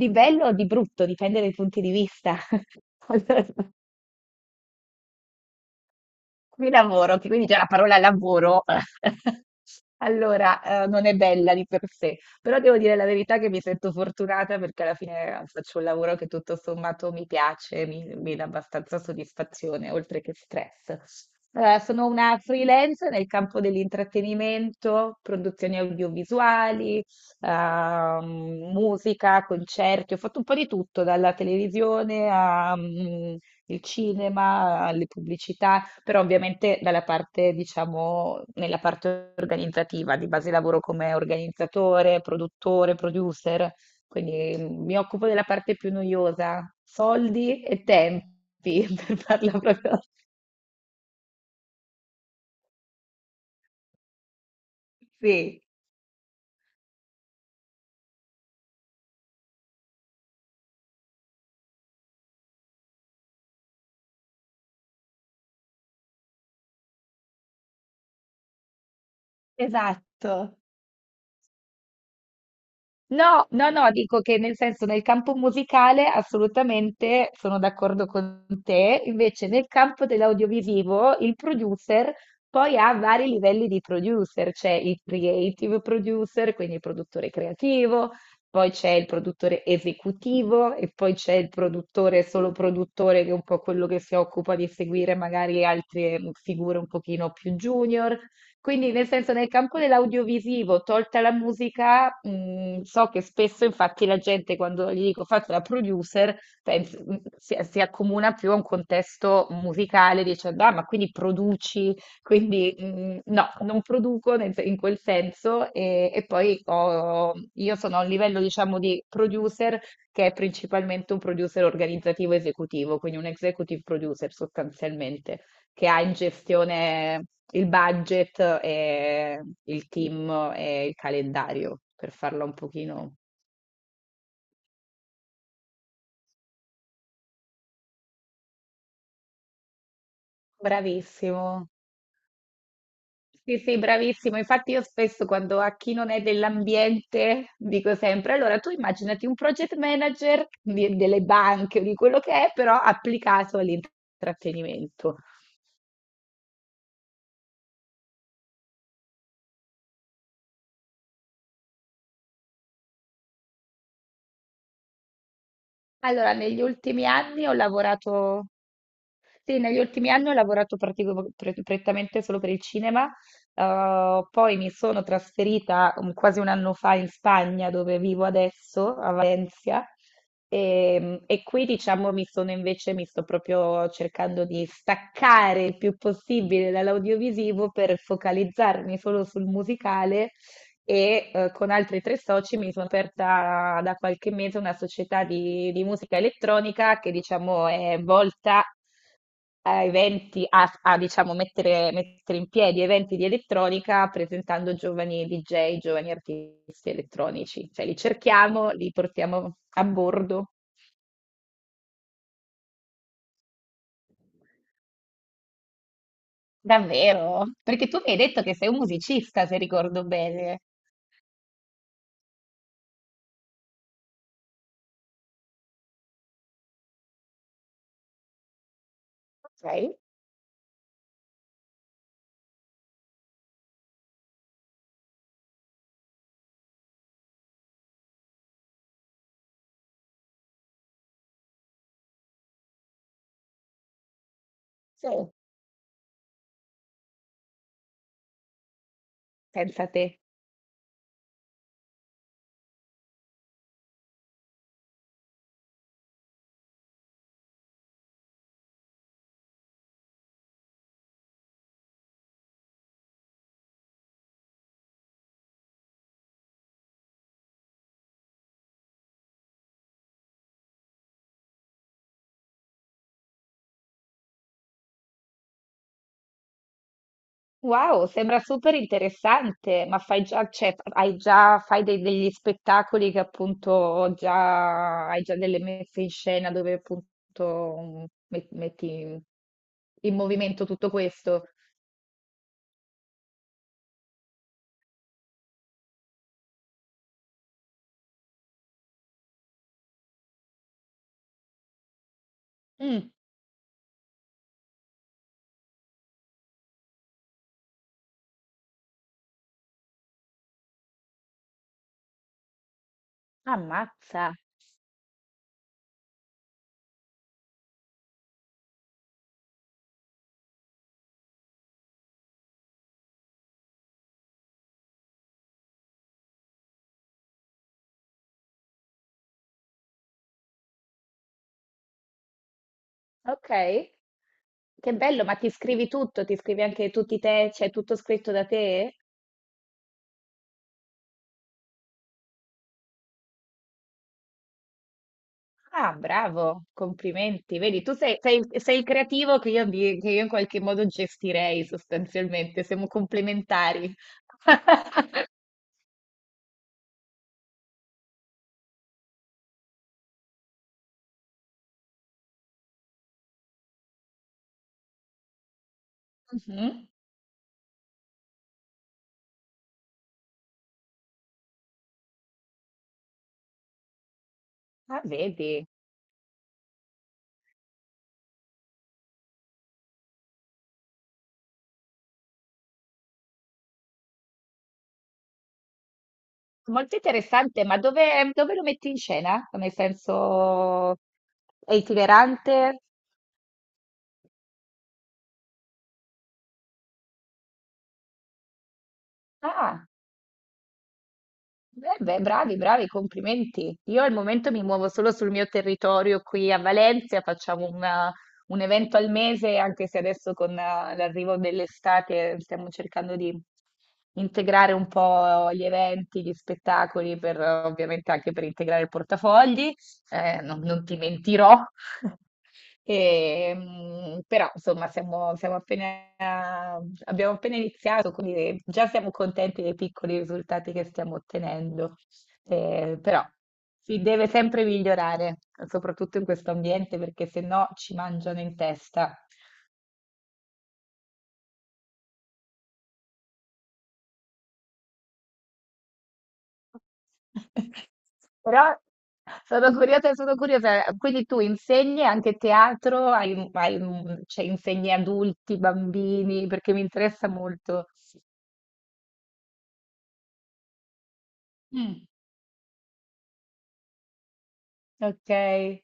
Di bello o di brutto, dipende dai punti di vista. Allora, qui lavoro, che quindi già la parola lavoro, allora, non è bella di per sé, però devo dire la verità che mi sento fortunata perché alla fine faccio un lavoro che tutto sommato mi piace, mi dà abbastanza soddisfazione, oltre che stress. Sono una freelance nel campo dell'intrattenimento, produzioni audiovisuali, musica, concerti, ho fatto un po' di tutto, dalla televisione al cinema, alle pubblicità, però ovviamente dalla parte, diciamo, nella parte organizzativa, di base lavoro come organizzatore, produttore, producer, quindi mi occupo della parte più noiosa, soldi e tempi, per farla proprio... Sì, esatto. No, no, no, dico che nel senso nel campo musicale assolutamente sono d'accordo con te, invece nel campo dell'audiovisivo il producer poi ha vari livelli di producer, c'è il creative producer, quindi il produttore creativo, poi c'è il produttore esecutivo e poi c'è il produttore solo produttore che è un po' quello che si occupa di seguire magari altre figure un pochino più junior. Quindi, nel senso, nel campo dell'audiovisivo, tolta la musica, so che spesso, infatti, la gente quando gli dico faccio la producer, si accomuna più a un contesto musicale, dicendo, ah, ma quindi produci, quindi no, non produco nel- in quel senso, e, io sono a un livello, diciamo, di producer che è principalmente un producer organizzativo esecutivo, quindi un executive producer sostanzialmente che ha in gestione il budget e il team e il calendario, per farla un pochino. Bravissimo. Sì, sì, bravissimo. Infatti io spesso quando a chi non è dell'ambiente dico sempre, allora tu immaginati un delle banche o di quello che è, però applicato all'intrattenimento. Allora, negli ultimi anni ho lavorato Sì, negli ultimi anni ho lavorato prettamente solo per il cinema, poi mi sono trasferita quasi un anno fa in Spagna, dove vivo adesso, a Valencia, e qui diciamo mi sto proprio cercando di staccare il più possibile dall'audiovisivo per focalizzarmi solo sul musicale e con altri tre soci mi sono aperta da qualche mese una società di musica elettronica che diciamo è volta a eventi, diciamo mettere in piedi eventi di elettronica presentando giovani DJ, giovani artisti elettronici. Cioè li cerchiamo, li portiamo a bordo. Davvero? Perché tu mi hai detto che sei un musicista, se ricordo bene. Ok, sì. Pensa a te. Wow, sembra super interessante, ma fai già, cioè, hai già, degli spettacoli che appunto già, hai già delle messe in scena dove appunto metti in in movimento tutto questo. Mm, ammazza, ok, che bello, ma ti scrivi tutto, ti scrivi anche c'è tutto scritto da te? Ah, bravo, complimenti. Vedi, sei il creativo che io in qualche modo gestirei sostanzialmente, siamo complementari. Mhm. Ah, vedi, molto interessante, ma dove lo metti in scena? Nel senso, è itinerante? Ah. Beh, beh, bravi, bravi, complimenti. Io al momento mi muovo solo sul mio territorio qui a Valencia, un evento al mese, anche se adesso con l'arrivo dell'estate stiamo cercando di integrare un po' gli eventi, gli spettacoli, per, ovviamente anche per integrare il portafogli non ti mentirò, E, mm, però insomma siamo appena, abbiamo appena iniziato, quindi già siamo contenti dei piccoli risultati che stiamo ottenendo, eh, però si deve sempre migliorare, soprattutto in questo ambiente, perché se no ci mangiano in testa. Però sono curiosa, sono curiosa. Quindi tu insegni anche teatro, cioè insegni adulti, bambini, perché mi interessa molto. Mm. Ok,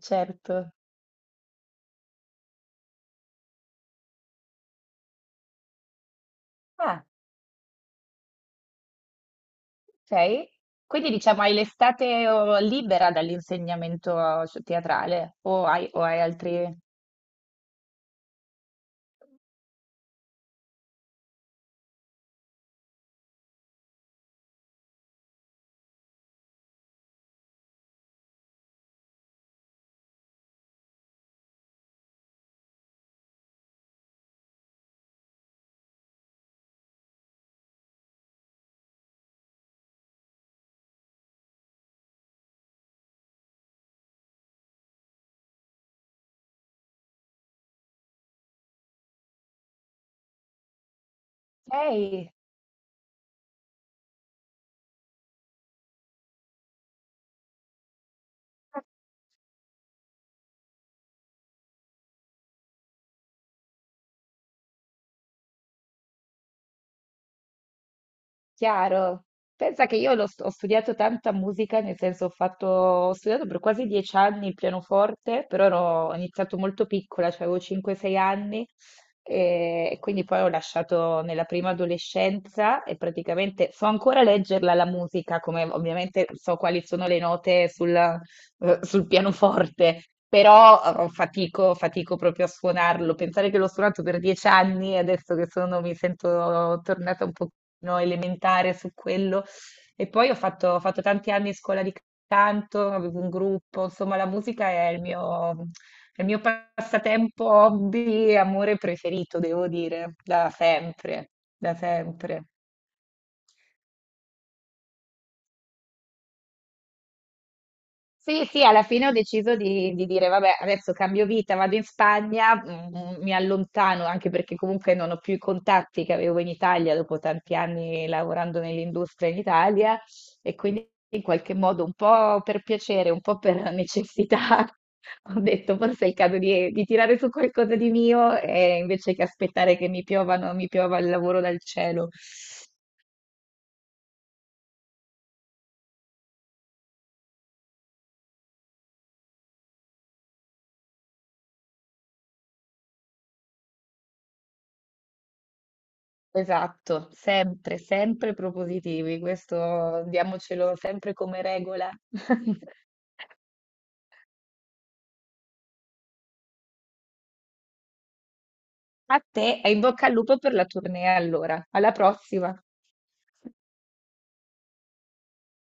certo. Ah, ok. Quindi diciamo hai l'estate oh, libera dall'insegnamento cioè, teatrale o hai altri... Ok. Chiaro. Pensa che ho studiato tanta musica, nel senso ho fatto, ho studiato per quasi 10 anni il pianoforte, ho iniziato molto piccola, cioè avevo 5-6 anni, e quindi poi ho lasciato nella prima adolescenza e praticamente so ancora leggerla la musica, come ovviamente so quali sono le note sul, sul pianoforte, però fatico proprio a suonarlo. Pensare che l'ho suonato per 10 anni e adesso che sono, mi sento tornata un pochino elementare su quello. E poi ho fatto tanti anni in scuola di canto, avevo un gruppo, insomma, la musica è il mio passatempo, hobby, amore preferito, devo dire, da sempre, da sempre. Sì, sì, alla fine ho deciso di dire, vabbè, adesso cambio vita, vado in Spagna, mi allontano anche perché comunque non ho più i contatti che avevo in Italia dopo tanti anni lavorando nell'industria in Italia e quindi in qualche modo un po' per piacere, un po' per necessità, ho detto forse è il caso di tirare su qualcosa di mio e invece che aspettare che mi piova il lavoro dal cielo. Esatto, sempre, sempre propositivi, questo diamocelo sempre come regola. A te e in bocca al lupo per la tournée allora, alla prossima.